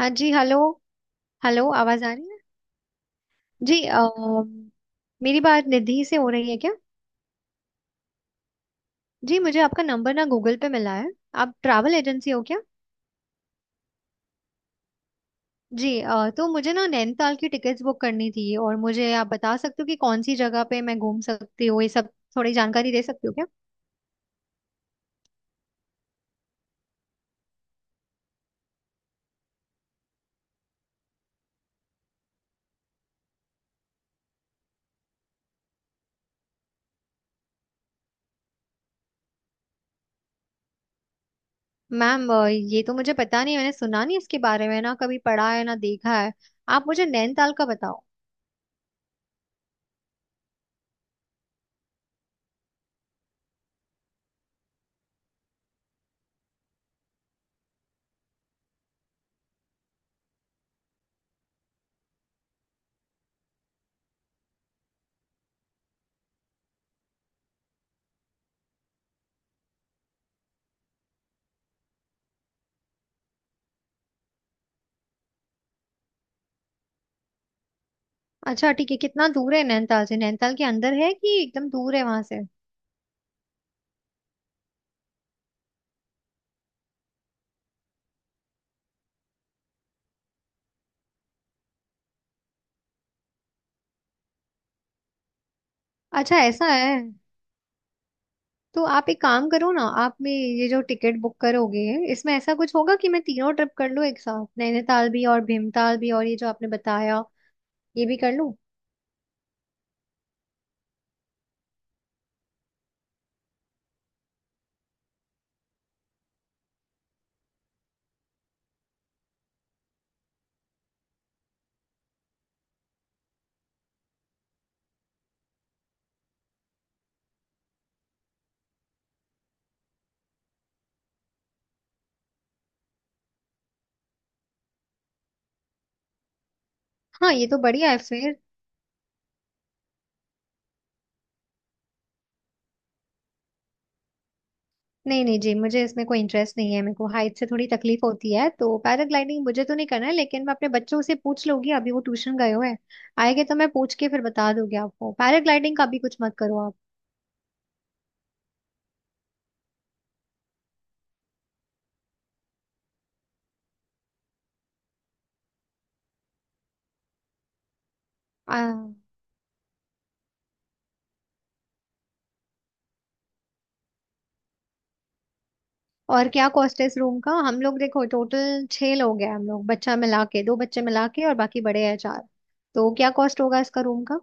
हाँ जी hello. Hello, आवाज आ रही है। जी मेरी बात निधि से हो रही है क्या। जी मुझे आपका नंबर ना गूगल पे मिला है। आप ट्रैवल एजेंसी हो क्या। जी तो मुझे ना नैनीताल की टिकट्स बुक करनी थी, और मुझे आप बता सकते हो कि कौन सी जगह पे मैं घूम सकती हूँ, ये सब थोड़ी जानकारी दे सकती हो क्या। मैम ये तो मुझे पता नहीं, मैंने सुना नहीं इसके बारे में, ना कभी पढ़ा है ना देखा है। आप मुझे नैनीताल का बताओ। अच्छा ठीक है, कितना दूर है नैनीताल से, नैनीताल के अंदर है कि एकदम दूर है वहां से। अच्छा ऐसा है। तो आप एक काम करो ना, आप में ये जो टिकट बुक करोगे, इसमें ऐसा कुछ होगा कि मैं तीनों ट्रिप कर लूँ एक साथ, नैनीताल भी और भीमताल भी और ये जो आपने बताया ये भी कर लूँ। हाँ ये तो बढ़िया है फिर। नहीं नहीं जी, मुझे इसमें कोई इंटरेस्ट नहीं है, मेरे को हाइट से थोड़ी तकलीफ होती है, तो पैराग्लाइडिंग मुझे तो नहीं करना है। लेकिन मैं अपने बच्चों से पूछ लूंगी, अभी वो ट्यूशन गए हुए हैं, आएंगे तो मैं पूछ के फिर बता दूंगी आपको। पैराग्लाइडिंग का भी कुछ मत करो आप। आ, और क्या कॉस्ट है इस रूम का। हम लोग देखो टोटल छह लोग हैं, हम लोग बच्चा मिला के, दो बच्चे मिला के, और बाकी बड़े हैं चार। तो क्या कॉस्ट होगा इसका रूम का।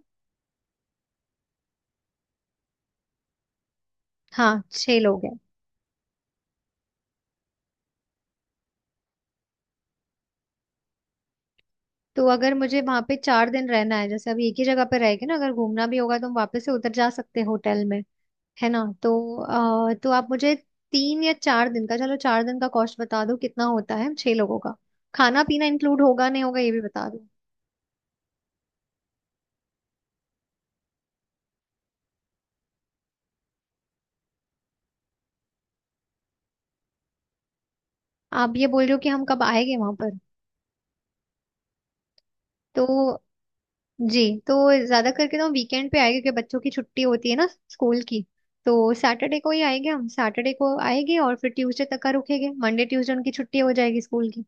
हाँ छह लोग हैं। तो अगर मुझे वहां पे 4 दिन रहना है, जैसे अभी एक ही जगह पे रह के ना, अगर घूमना भी होगा तो हम वापस से उतर जा सकते हैं होटल में। है ना। तो आप मुझे 3 या 4 दिन का, चलो 4 दिन का कॉस्ट बता दो, कितना होता है छह लोगों का। खाना पीना इंक्लूड होगा नहीं होगा ये भी बता दो। आप ये बोल रहे हो कि हम कब आएंगे वहां पर। तो जी, तो ज्यादा करके ना वीकेंड पे आएगी, क्योंकि बच्चों की छुट्टी होती है ना स्कूल की। तो सैटरडे को ही आएंगे हम, सैटरडे को आएंगे और फिर ट्यूसडे तक का रुकेंगे, मंडे ट्यूसडे उनकी छुट्टी हो जाएगी स्कूल की।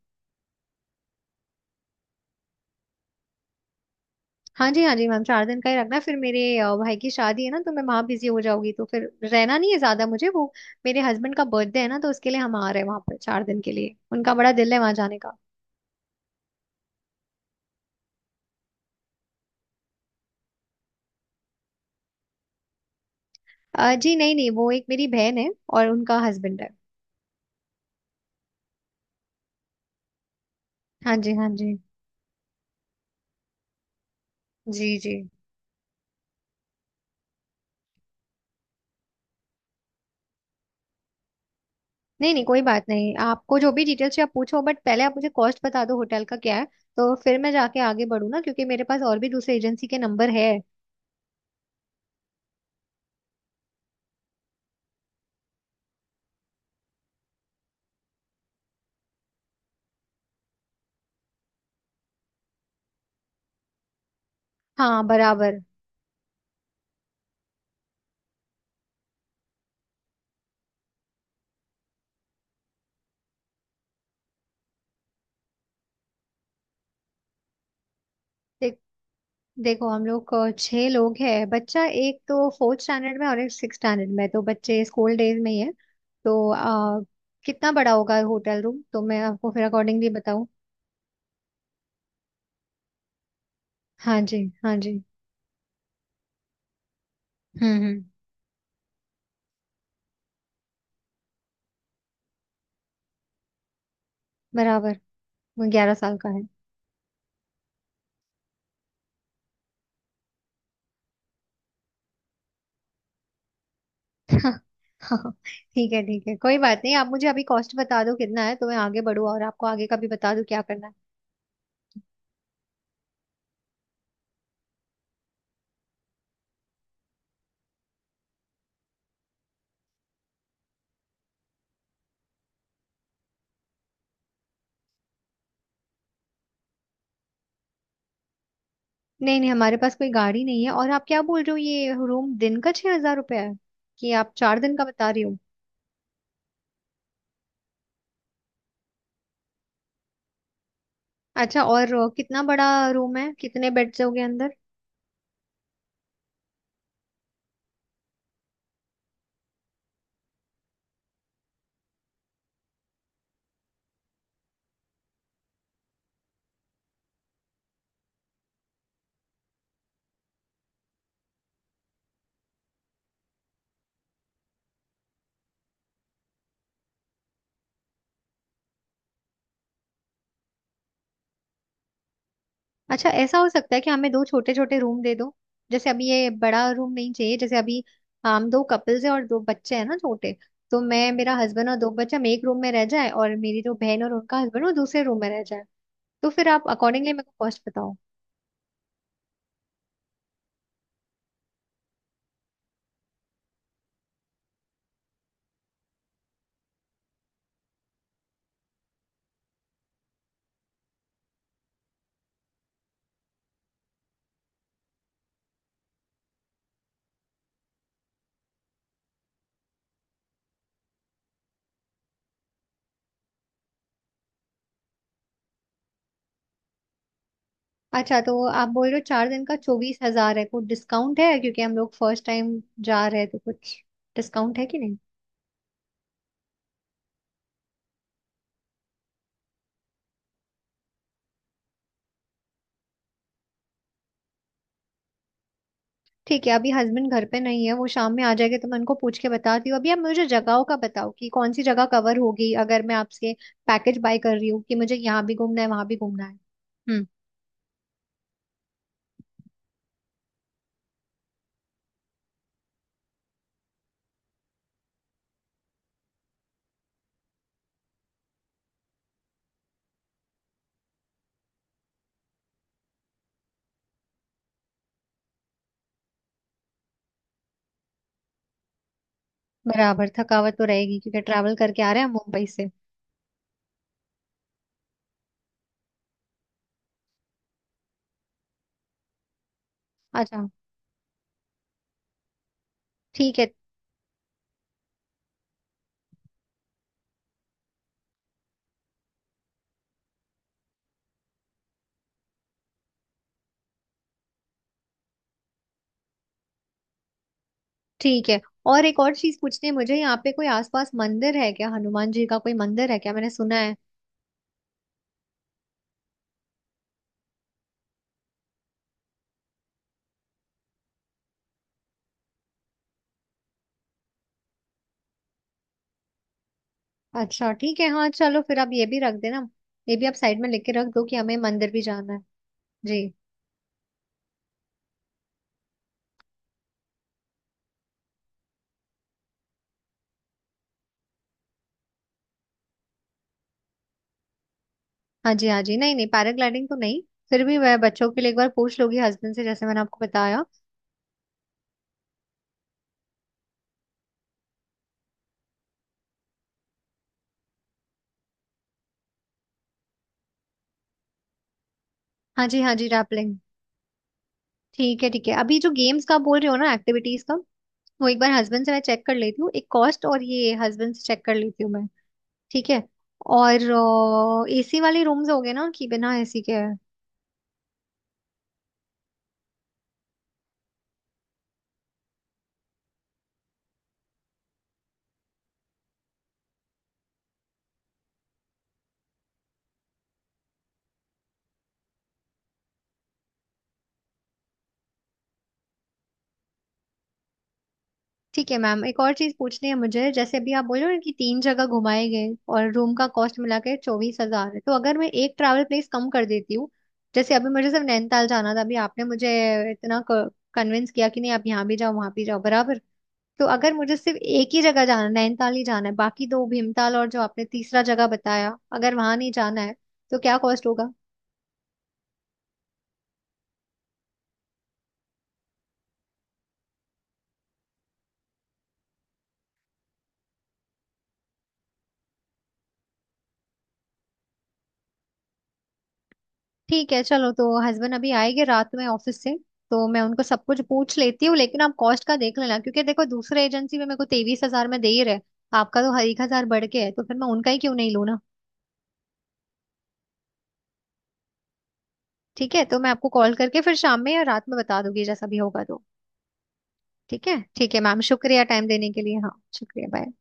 हाँ जी हाँ जी मैम, 4 दिन का ही रखना। फिर मेरे भाई की शादी है ना, तो मैं वहाँ बिजी हो जाऊंगी, तो फिर रहना नहीं है ज्यादा मुझे वो। मेरे हस्बैंड का बर्थडे है ना, तो उसके लिए हम आ रहे हैं वहाँ पर 4 दिन के लिए, उनका बड़ा दिल है वहाँ जाने का। जी नहीं नहीं, वो एक मेरी बहन है और उनका हस्बैंड है। हाँ जी हाँ जी। जी जी। नहीं नहीं कोई बात नहीं, आपको जो भी डिटेल्स चाहिए आप पूछो, बट पहले आप मुझे कॉस्ट बता दो होटल का क्या है, तो फिर मैं जाके आगे बढ़ू ना, क्योंकि मेरे पास और भी दूसरे एजेंसी के नंबर है। हाँ बराबर। देख देखो हम लोग छह लोग हैं, बच्चा एक तो फोर्थ स्टैंडर्ड में और एक सिक्स स्टैंडर्ड में, तो बच्चे स्कूल डेज में ही है। तो कितना बड़ा होगा होटल रूम, तो मैं आपको फिर अकॉर्डिंगली बताऊँ। हाँ जी हाँ जी। हम्म। बराबर। वो 11 साल का है। हाँ। हाँ, ठीक है कोई बात नहीं। आप मुझे अभी कॉस्ट बता दो कितना है तो मैं आगे बढ़ूँ, और आपको आगे का भी बता दूँ क्या करना है। नहीं नहीं हमारे पास कोई गाड़ी नहीं है। और आप क्या बोल रहे हो, ये रूम दिन का 6 हजार रुपया है कि आप 4 दिन का बता रही हो। अच्छा और कितना बड़ा रूम है, कितने बेड्स होंगे अंदर। अच्छा ऐसा हो सकता है कि हमें दो छोटे छोटे रूम दे दो, जैसे अभी ये बड़ा रूम नहीं चाहिए। जैसे अभी हम दो कपल्स है और दो बच्चे हैं ना छोटे, तो मैं, मेरा हस्बैंड और दो बच्चे हम एक रूम में रह जाए, और मेरी जो बहन और उनका हस्बैंड वो दूसरे रूम में रह जाए। तो फिर आप अकॉर्डिंगली मेरे को कॉस्ट बताओ। अच्छा तो आप बोल रहे हो चार दिन का 24 हजार है। कुछ डिस्काउंट है क्योंकि हम लोग फर्स्ट टाइम जा रहे हैं, तो कुछ डिस्काउंट है कि नहीं। ठीक है, अभी हस्बैंड घर पे नहीं है, वो शाम में आ जाएंगे तो मैं उनको पूछ के बताती हूँ। अभी आप मुझे जगहों का बताओ कि कौन सी जगह कवर होगी अगर मैं आपसे पैकेज बाय कर रही हूँ, कि मुझे यहाँ भी घूमना है वहां भी घूमना है। हम्म। बराबर थकावट तो रहेगी क्योंकि ट्रैवल करके आ रहे हैं हम मुंबई से। अच्छा। ठीक है। ठीक है। और एक और चीज पूछनी है मुझे, यहाँ पे कोई आसपास मंदिर है क्या, हनुमान जी का कोई मंदिर है क्या, मैंने सुना है। अच्छा ठीक है, हाँ चलो फिर आप ये भी रख देना, ये भी आप साइड में लिख के रख दो कि हमें मंदिर भी जाना है। जी। हाँ जी हाँ जी, नहीं नहीं पैराग्लाइडिंग तो नहीं। फिर भी मैं बच्चों के लिए एक बार पूछ लूंगी हस्बैंड से, जैसे मैंने आपको बताया। हाँ जी हाँ जी रैपलिंग। ठीक है ठीक है। अभी जो गेम्स का बोल रहे हो ना, एक्टिविटीज का, वो एक बार हस्बैंड से मैं चेक कर लेती हूँ, एक कॉस्ट और ये हस्बैंड से चेक कर लेती हूँ मैं। ठीक है। और एसी वाले रूम्स हो गए ना कि बिना एसी के। ठीक है मैम, एक और चीज पूछनी है मुझे, जैसे अभी आप बोल रहे हो ना कि तीन जगह घुमाए गए और रूम का कॉस्ट मिला के 24 हजार है, तो अगर मैं एक ट्रैवल प्लेस कम कर देती हूँ, जैसे अभी मुझे सिर्फ नैनीताल जाना था, अभी आपने मुझे इतना कन्विंस किया कि नहीं आप यहाँ भी जाओ वहां भी जाओ, बराबर। तो अगर मुझे सिर्फ एक ही जगह जाना है, नैनीताल ही जाना है, बाकी दो भीमताल और जो आपने तीसरा जगह बताया अगर वहां नहीं जाना है, तो क्या कॉस्ट होगा? ठीक है चलो, तो हस्बैंड अभी आएंगे रात में ऑफिस से, तो मैं उनको सब कुछ पूछ लेती हूँ। लेकिन आप कॉस्ट का देख लेना, क्योंकि देखो दूसरे एजेंसी में मेरे को 23 हजार में दे ही रहे, आपका तो हर 1 हजार बढ़ के है, तो फिर मैं उनका ही क्यों नहीं लूँ ना। ठीक है, तो मैं आपको कॉल करके फिर शाम में या रात में बता दूंगी जैसा भी होगा तो। ठीक है मैम, शुक्रिया टाइम देने के लिए, हाँ शुक्रिया बाय।